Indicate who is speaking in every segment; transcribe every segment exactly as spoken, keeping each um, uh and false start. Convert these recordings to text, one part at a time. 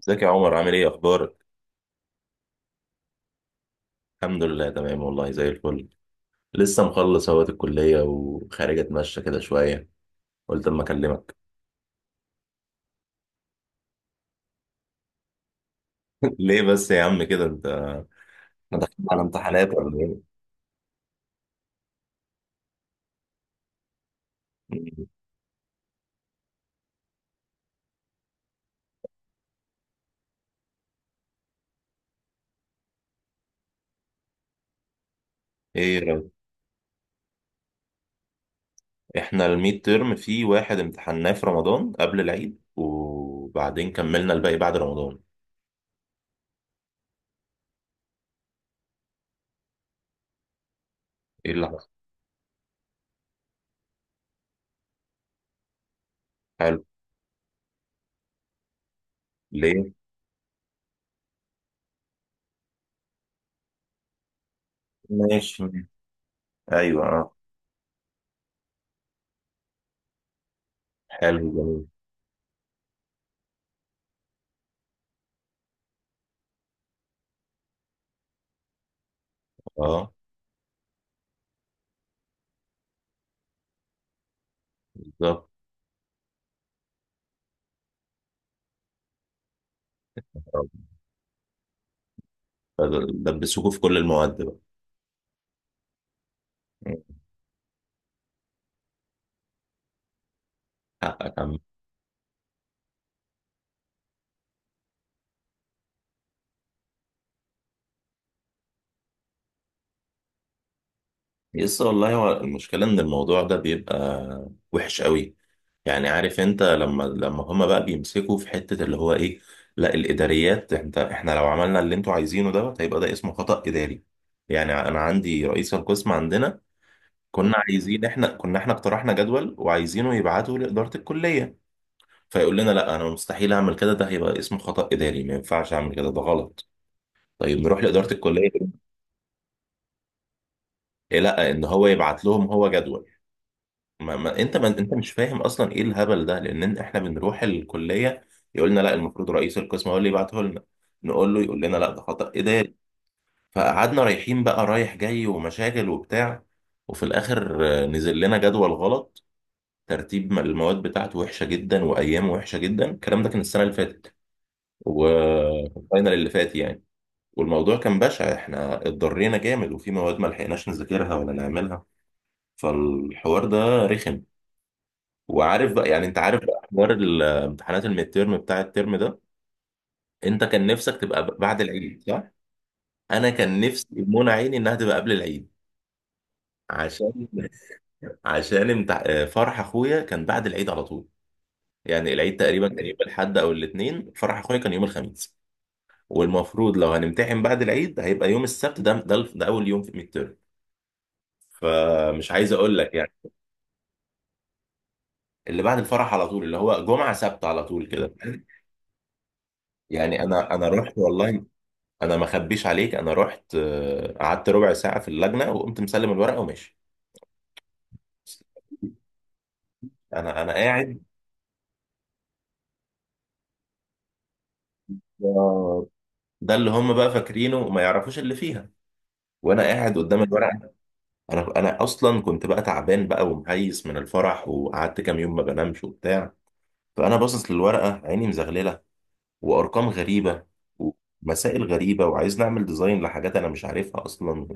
Speaker 1: ازيك يا عمر؟ عامل ايه، اخبارك؟ الحمد لله، تمام والله، زي الفل. لسه مخلص اهوت الكليه، وخارج اتمشى كده شويه. قلت اما اكلمك. ليه بس يا عم كده انت؟ احنا داخلين على امتحانات ولا ايه؟ مم. ايه يا رب؟ احنا الميد تيرم في واحد، امتحناه في رمضان قبل العيد، وبعدين كملنا الباقي بعد رمضان. ايه اللي حصل؟ حلو. ليه؟ ماشي. ايوه، اه. حلو جميل. اه، بالظبط. آه. دبسوكوا في كل المواد بقى. مم. حقك يا عم. يس والله، هو المشكلة إن الموضوع ده بيبقى وحش قوي. يعني عارف أنت، لما لما هما بقى بيمسكوا في حتة اللي هو إيه. لا الإداريات، أنت إحنا لو عملنا اللي أنتوا عايزينه دوت، هيبقى ده اسمه خطأ إداري. يعني أنا عندي رئيس القسم عندنا. كنا عايزين، إحنا كنا، إحنا اقترحنا جدول وعايزينه يبعته لإدارة الكلية. فيقول لنا لا، أنا مستحيل أعمل كده، ده هيبقى اسمه خطأ إداري، ما ينفعش أعمل كده، ده غلط. طيب، نروح لإدارة الكلية. إيه لا، إن هو يبعت لهم هو جدول. ما ما انت ما انت مش فاهم اصلا ايه الهبل ده، لان إن- احنا بنروح الكليه. يقول لنا لا، المفروض رئيس القسم هو اللي يبعته لنا. نقول له، يقول لنا لا، ده خطأ اداري. فقعدنا رايحين بقى، رايح جاي ومشاكل وبتاع. وفي الاخر، آه، نزل لنا جدول غلط. ترتيب م- المواد بتاعته وحشه جدا، وايامه وحشه جدا. الكلام ده كان السنه اللي فاتت، والفاينل اللي فات يعني. والموضوع كان بشع، احنا اتضرينا جامد، وفي مواد ما لحقناش نذاكرها ولا نعملها. فالحوار ده رخم. وعارف بقى، يعني انت عارف بقى حوار الامتحانات الميد تيرم بتاع الترم ده. انت كان نفسك تبقى ب- بعد العيد، صح؟ انا كان نفسي منى عيني انها تبقى قبل العيد. عشان عشان امت... فرح اخويا كان بعد العيد على طول. يعني العيد تقريبا كان يوم الاحد او الاثنين، فرح اخويا كان يوم الخميس. والمفروض لو هنمتحن بعد العيد هيبقى يوم السبت، ده ده, ده اول يوم في الميد تيرم. فمش عايز اقول لك يعني. اللي بعد الفرح على طول، اللي هو جمعه سبت على طول كده. يعني، انا انا رحت والله. انا ما اخبيش عليك، انا رحت، آه، قعدت ربع ساعه في اللجنه، وقمت مسلم الورقه وماشي. انا انا قاعد. آه، ده اللي هم بقى فاكرينه وما يعرفوش اللي فيها. وانا قاعد قدام الورقه. انا انا اصلا كنت بقى تعبان بقى، ومهيس من الفرح، وقعدت كام يوم ما بنامش وبتاع. فانا باصص للورقه، عيني مزغلله، وارقام غريبه، ومسائل غريبه، وعايز نعمل ديزاين لحاجات انا مش عارفها اصلا.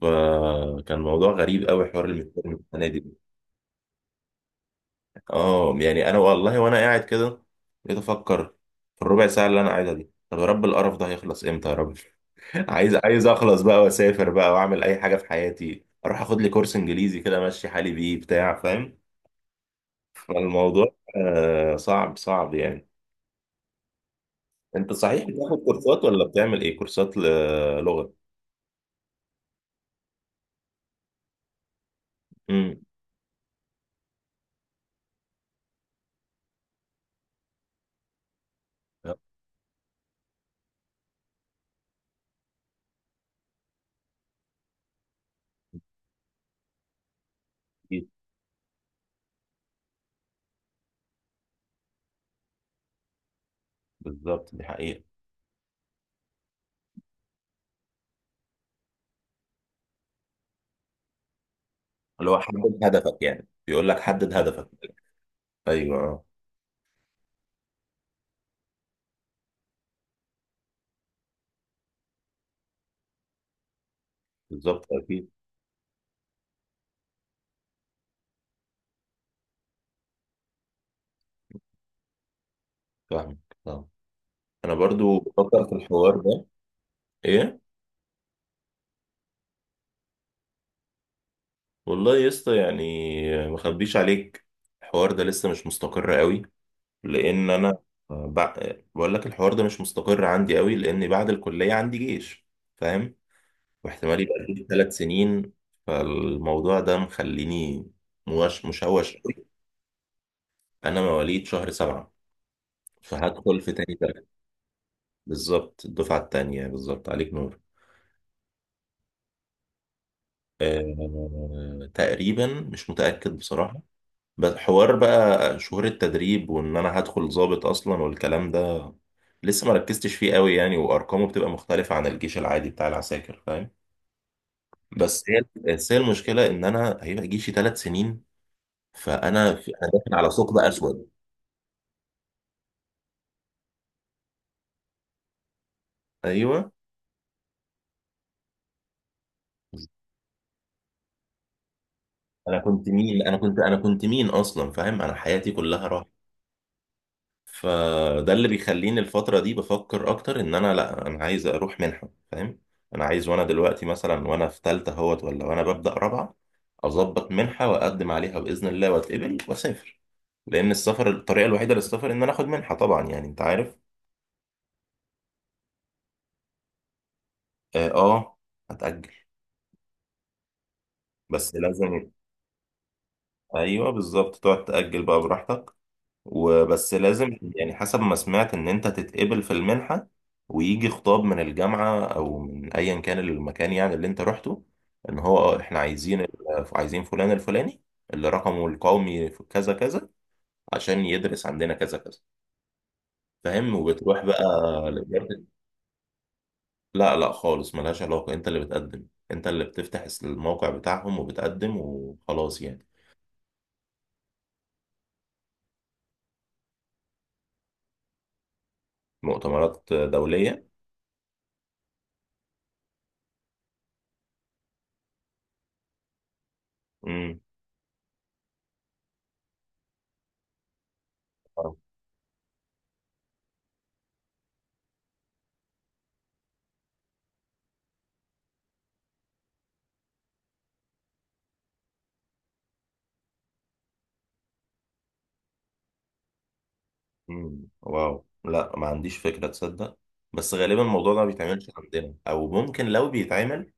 Speaker 1: فكان موضوع غريب قوي، حوار الميدتيرم السنه دي. اه، يعني انا والله وانا قاعد كده بقيت افكر في الربع ساعه اللي انا قاعدها دي، طب يا رب، القرف ده هيخلص امتى يا رب؟ عايز عايز اخلص بقى، واسافر بقى، واعمل اي حاجه في حياتي، اروح اخد لي كورس انجليزي كده، امشي حالي بيه بتاع، فاهم؟ فالموضوع، آه صعب صعب يعني. انت صحيح بتاخد كورسات ولا بتعمل ايه؟ كورسات ل- لغه. امم. أكيد. بالظبط، دي حقيقه. اللي هو حدد هدفك، يعني بيقول لك حدد هدفك. ايوه، آه. بالظبط اكيد. فاهمك. آه. انا برضو بفكر في الحوار ده. ايه؟ والله يا اسطى يعني، ما اخبيش عليك، الحوار ده لسه مش مستقر قوي، لان انا بع... بقول لك الحوار ده مش مستقر عندي قوي، لان بعد الكليه عندي جيش، فاهم؟ واحتمال يبقى جيش ثلاث سنين. فالموضوع ده مخليني مش مشوش قوي. انا مواليد شهر سبعة، فهدخل في تاني تلاتة. بالظبط، الدفعة التانية بالظبط، عليك نور. أه... تقريبا مش متأكد بصراحة. بس حوار بقى شهور التدريب، وان انا هدخل ضابط اصلا، والكلام ده لسه ما ركزتش فيه قوي يعني، وارقامه بتبقى مختلفة عن الجيش العادي بتاع العساكر، فاهم؟ بس هي بس هي المشكلة ان انا هيبقى جيشي ثلاث سنين. فانا، في، انا داخل على ثقب اسود. ايوه. انا كنت مين؟ انا كنت انا كنت مين اصلا؟ فاهم؟ انا حياتي كلها. فده اللي بيخليني الفترة دي بفكر أكتر، إن أنا لأ، أنا عايز أروح منحة، فاهم؟ أنا عايز، وأنا دلوقتي مثلا وأنا في تالتة أهوت، ولا وأنا ببدأ رابعة، أظبط منحة وأقدم عليها بإذن الله وأتقبل وأسافر. لأن السفر، الطريقة الوحيدة للسفر إن أنا آخد منحة، طبعا يعني أنت عارف. آه، آه، هتأجل. بس لازم. أيوه، بالظبط، تقعد تأجل بقى براحتك. وبس لازم يعني، حسب ما سمعت ان انت تتقبل في المنحة، ويجي خطاب من الجامعة او من ايا كان المكان، يعني اللي انت رحته. ان هو، اه احنا عايزين ال- عايزين فلان الفلاني، اللي رقمه القومي في كذا كذا، عشان يدرس عندنا كذا كذا، فاهم؟ وبتروح بقى لإدارة- لا لا خالص، ملهاش علاقة، انت اللي بتقدم، انت اللي بتفتح الموقع بتاعهم وبتقدم وخلاص يعني. مؤتمرات دولية. امم. مم. واو، لا ما عنديش فكرة، تصدق. بس غالبا الموضوع ده ما بيتعملش عندنا، او ممكن لو بيتعمل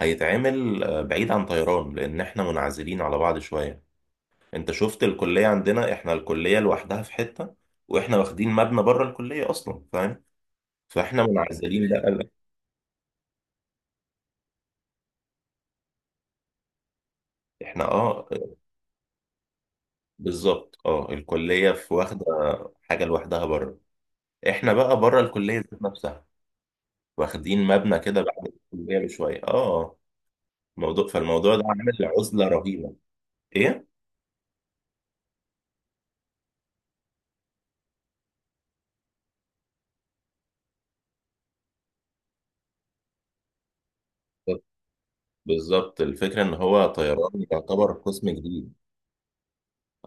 Speaker 1: هيتعمل، آه، بعيد عن طيران، لان احنا منعزلين على بعض شوية. انت شفت الكلية عندنا، احنا الكلية لوحدها في حتة، واحنا واخدين مبنى بره الكلية اصلا، فاهم؟ فاحنا منعزلين. لا لا. احنا، اه، بالظبط، اه، الكلية في واخدة حاجة لوحدها بره. احنا بقى بره الكلية ذات نفسها، واخدين مبنى كده بعد الكلية بشوية، اه. موضوع، فالموضوع ده عامل عزلة رهيبة. ايه؟ بالظبط، الفكرة ان هو طيران يعتبر قسم جديد.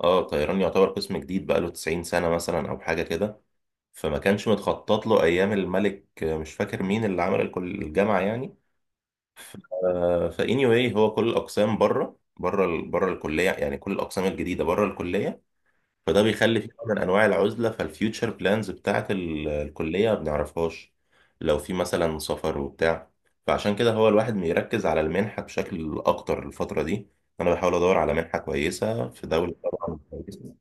Speaker 1: اه، طيران يعتبر قسم جديد بقاله تسعين سنة مثلا او حاجة كده. فما كانش متخطط له ايام الملك، مش فاكر مين اللي عمل الكل- الجامعة يعني. ف فاني واي، هو كل الاقسام بره، بره ال- بره الكلية، يعني كل الاقسام الجديدة بره الكلية. فده بيخلي في نوع من انواع العزله، فالفيوتشر بلانز بتاعت ال- الكليه ما بنعرفهاش. لو في مثلا سفر وبتاع، فعشان كده هو الواحد بيركز على المنحه بشكل اكتر الفتره دي. انا بحاول ادور على منحه كويسه في دوله طبعا كويسه.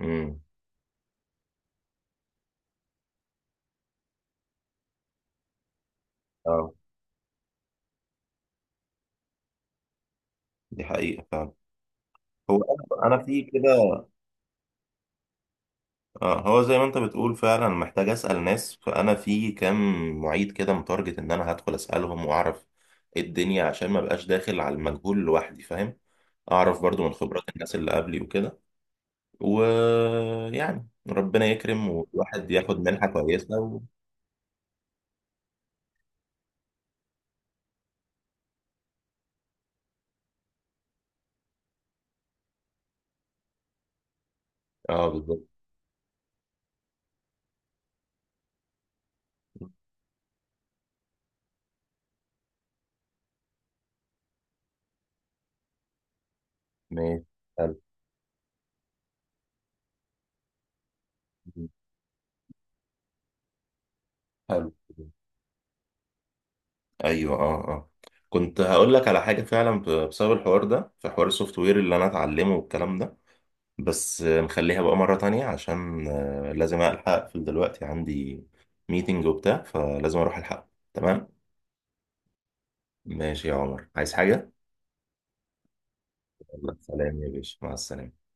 Speaker 1: امم. اه، دي حقيقه فعلا. هو انا أنا في كده. اه، هو زي ما انت بتقول فعلا، محتاج اسال ناس. فانا في كام معيد كده متارجت ان انا هدخل اسالهم واعرف ايه الدنيا، عشان ما بقاش داخل على المجهول لوحدي، فاهم؟ اعرف برضو من خبرات الناس اللي قبلي وكده. ويعني ربنا يكرم، والواحد ياخد منحة كويسة و... اه، بالظبط. ماشي، حلو، حلو، ايوه، اه، اه. كنت هقول لك على حاجة فعلا، ب- بسبب الحوار ده، في حوار السوفت وير اللي انا اتعلمه والكلام ده. بس، آه، نخليها بقى مرة تانية، عشان آه، لازم ألحق أقفل دلوقتي، عندي ميتنج وبتاع، فلازم أروح ألحق، تمام. ماشي يا عمر، عايز حاجة؟ يلا سلام يا باشا، مع السلامة.